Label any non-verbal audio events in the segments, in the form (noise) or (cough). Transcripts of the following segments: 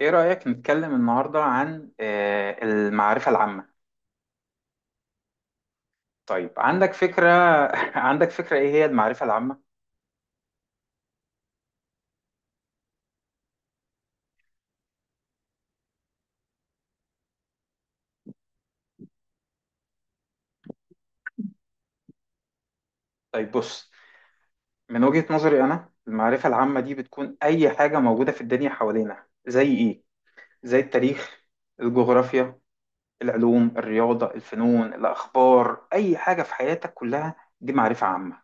إيه رأيك نتكلم النهاردة عن المعرفة العامة؟ طيب، عندك فكرة. (laughs) عندك فكرة إيه هي المعرفة العامة؟ طيب بص، من وجهة نظري أنا المعرفة العامة دي بتكون أي حاجة موجودة في الدنيا حوالينا، زي إيه؟ زي التاريخ، الجغرافيا، العلوم، الرياضة، الفنون، الأخبار، أي حاجة في حياتك كلها دي معرفة عامة.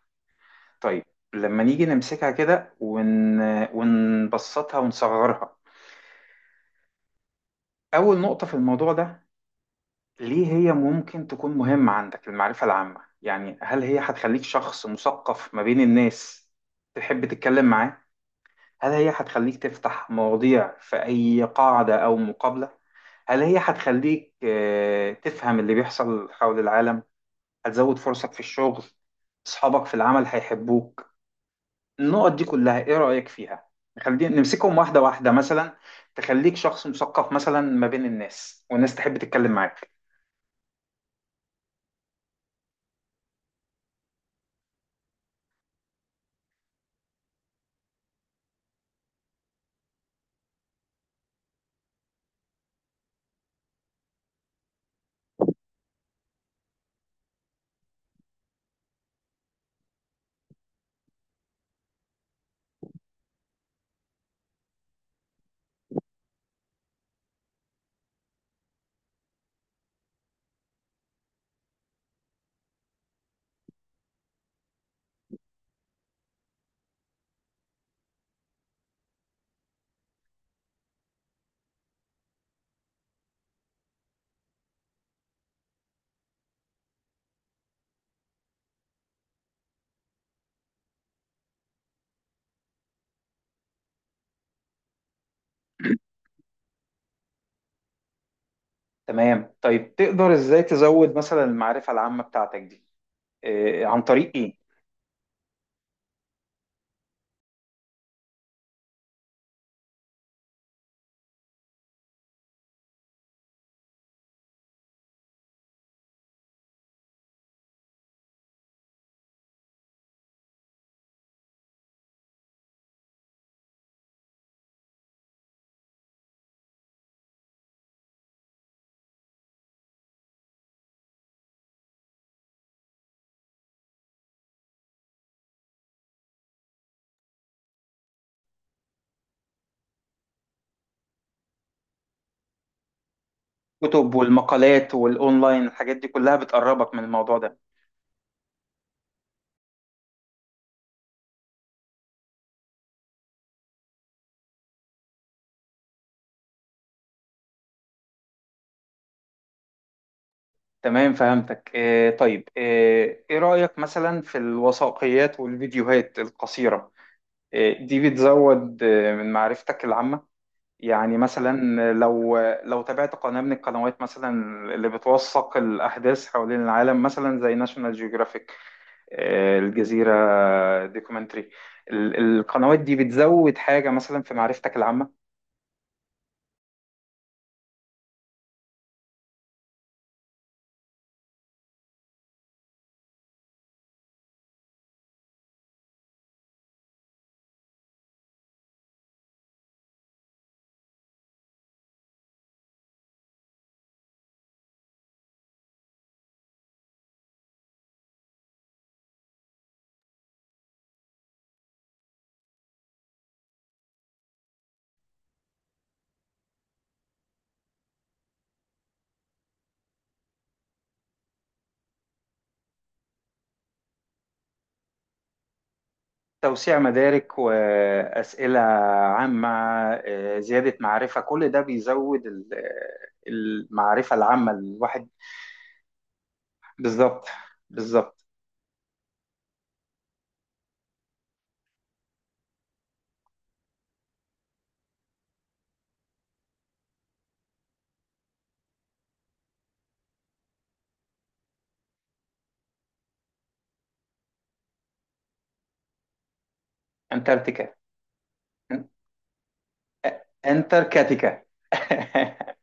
طيب، لما نيجي نمسكها كده ونبسطها ونصغرها، أول نقطة في الموضوع ده، ليه هي ممكن تكون مهمة عندك المعرفة العامة؟ يعني هل هي هتخليك شخص مثقف ما بين الناس تحب تتكلم معاه؟ هل هي هتخليك تفتح مواضيع في أي قاعدة أو مقابلة؟ هل هي هتخليك تفهم اللي بيحصل حول العالم؟ هتزود فرصك في الشغل؟ أصحابك في العمل هيحبوك؟ النقط دي كلها إيه رأيك فيها؟ خلينا نمسكهم واحدة واحدة مثلا. تخليك شخص مثقف مثلا ما بين الناس والناس تحب تتكلم معاك. تمام، طيب تقدر ازاي تزود مثلا المعرفة العامة بتاعتك دي؟ إيه، عن طريق ايه؟ كتب والمقالات والاونلاين، الحاجات دي كلها بتقربك من الموضوع ده. تمام فهمتك. إيه طيب ايه, إيه رأيك مثلا في الوثائقيات والفيديوهات القصيرة؟ إيه، دي بتزود من معرفتك العامة؟ يعني مثلا لو، لو تابعت قناة من القنوات مثلا اللي بتوثق الأحداث حوالين العالم مثلا زي ناشونال جيوغرافيك، الجزيرة، دوكيومنتري، القنوات دي بتزود حاجة مثلا في معرفتك العامة؟ توسيع مدارك وأسئلة عامة، زيادة معرفة، كل ده بيزود المعرفة العامة الواحد. بالظبط، بالظبط. أنتاركتيكا. أنتاركتيكا. (laughs)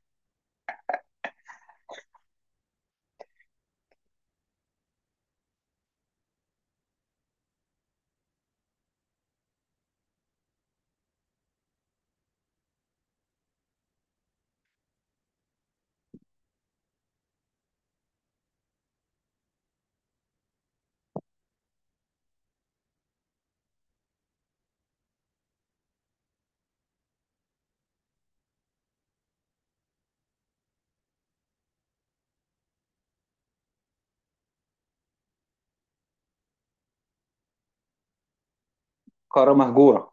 قارة مهجورة.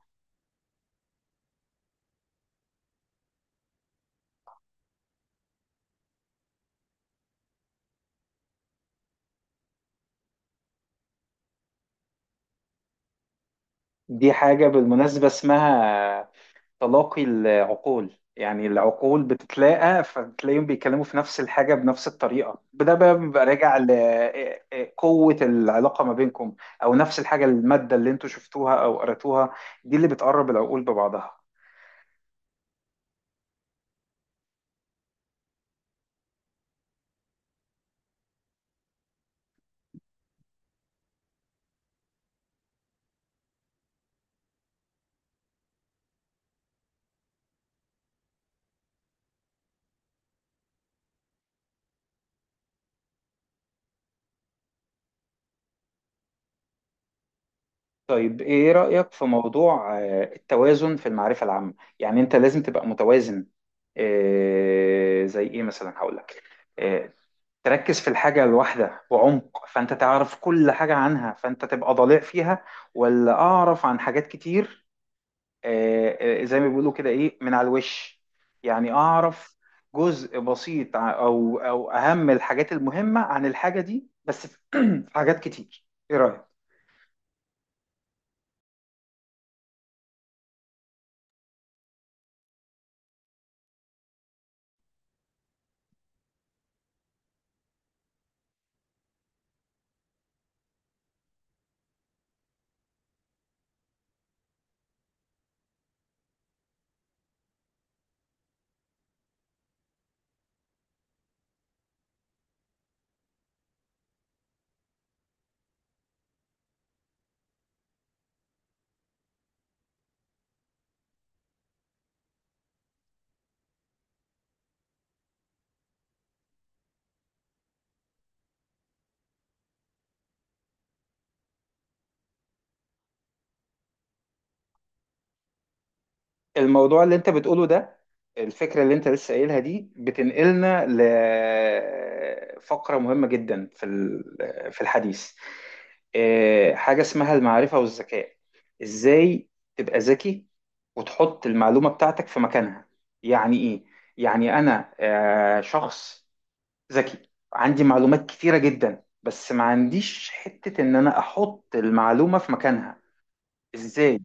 دي حاجة بالمناسبة اسمها تلاقي العقول، يعني العقول بتتلاقى فتلاقيهم بيتكلموا في نفس الحاجة بنفس الطريقة، ده بقى بيبقى راجع لقوة العلاقة ما بينكم، أو نفس الحاجة، المادة اللي انتوا شفتوها أو قرأتوها، دي اللي بتقرب العقول ببعضها. طيب إيه رأيك في موضوع التوازن في المعرفة العامة؟ يعني أنت لازم تبقى متوازن. زي إيه مثلا؟ هقول لك، آه، تركز في الحاجة الواحدة بعمق فأنت تعرف كل حاجة عنها فأنت تبقى ضليع فيها، ولا أعرف عن حاجات كتير، زي ما بيقولوا كده، إيه، من على الوش؟ يعني أعرف جزء بسيط، أو أو أهم الحاجات المهمة عن الحاجة دي بس، في (clears throat) في حاجات كتير، إيه رأيك؟ الموضوع اللي انت بتقوله ده، الفكرة اللي انت لسه قايلها دي بتنقلنا لفقرة مهمة جدا في في الحديث. حاجة اسمها المعرفة والذكاء. ازاي تبقى ذكي وتحط المعلومة بتاعتك في مكانها؟ يعني ايه؟ يعني انا شخص ذكي عندي معلومات كتيرة جدا، بس ما عنديش حتة ان انا احط المعلومة في مكانها. ازاي؟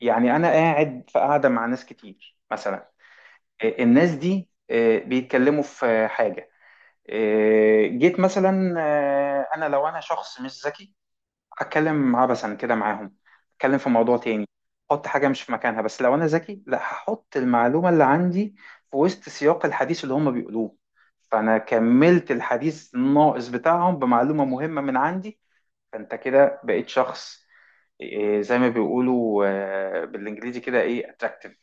يعني انا قاعد في قاعدة مع ناس كتير مثلا، الناس دي بيتكلموا في حاجة، جيت مثلا، أنا لو أنا شخص مش ذكي هتكلم عبثا كده معاهم، هتكلم في موضوع تاني، أحط حاجة مش في مكانها. بس لو أنا ذكي، لا، هحط المعلومة اللي عندي في وسط سياق الحديث اللي هم بيقولوه، فأنا كملت الحديث الناقص بتاعهم بمعلومة مهمة من عندي، فأنت كده بقيت شخص إيه، زي ما بيقولوا بالانجليزي كده، ايه، اتراكتيف.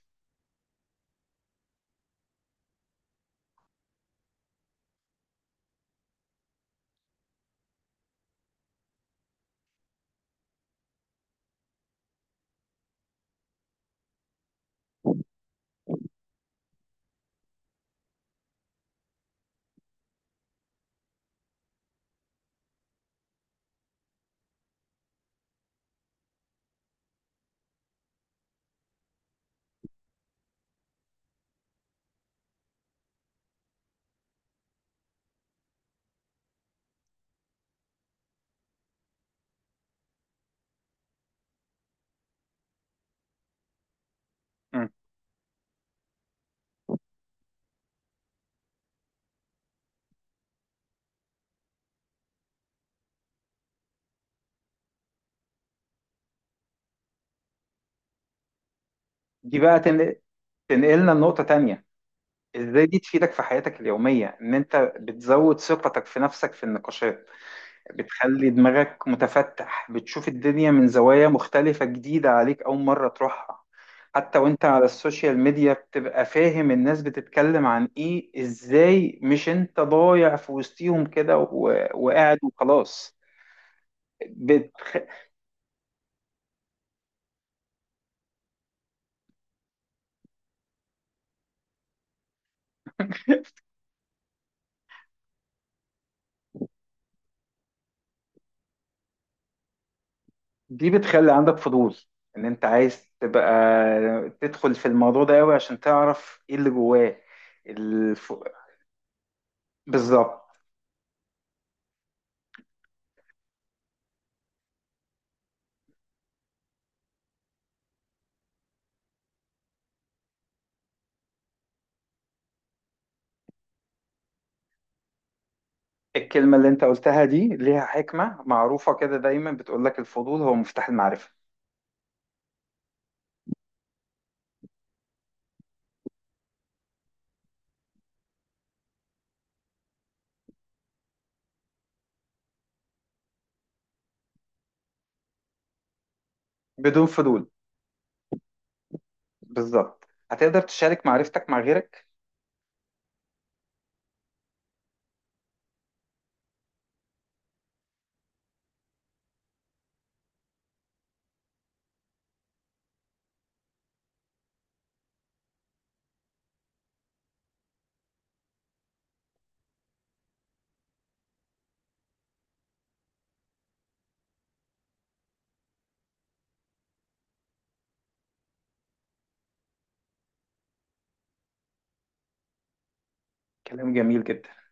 دي بقى تنقلنا لنقطة تانية. ازاي دي تفيدك في حياتك اليومية؟ ان انت بتزود ثقتك في نفسك في النقاشات، بتخلي دماغك متفتح، بتشوف الدنيا من زوايا مختلفة جديدة عليك اول مرة تروحها، حتى وانت على السوشيال ميديا بتبقى فاهم الناس بتتكلم عن ايه ازاي، مش انت ضايع في وسطيهم كده وقاعد وخلاص. بت... دي بتخلي عندك فضول، ان انت عايز تبقى تدخل في الموضوع ده قوي عشان تعرف ايه اللي جواه. الف... بالظبط. الكلمة اللي انت قلتها دي ليها حكمة معروفة كده، دايما بتقول لك الفضول هو مفتاح المعرفة. بدون فضول، بالظبط. هتقدر تشارك معرفتك مع غيرك؟ كلام جميل جدا.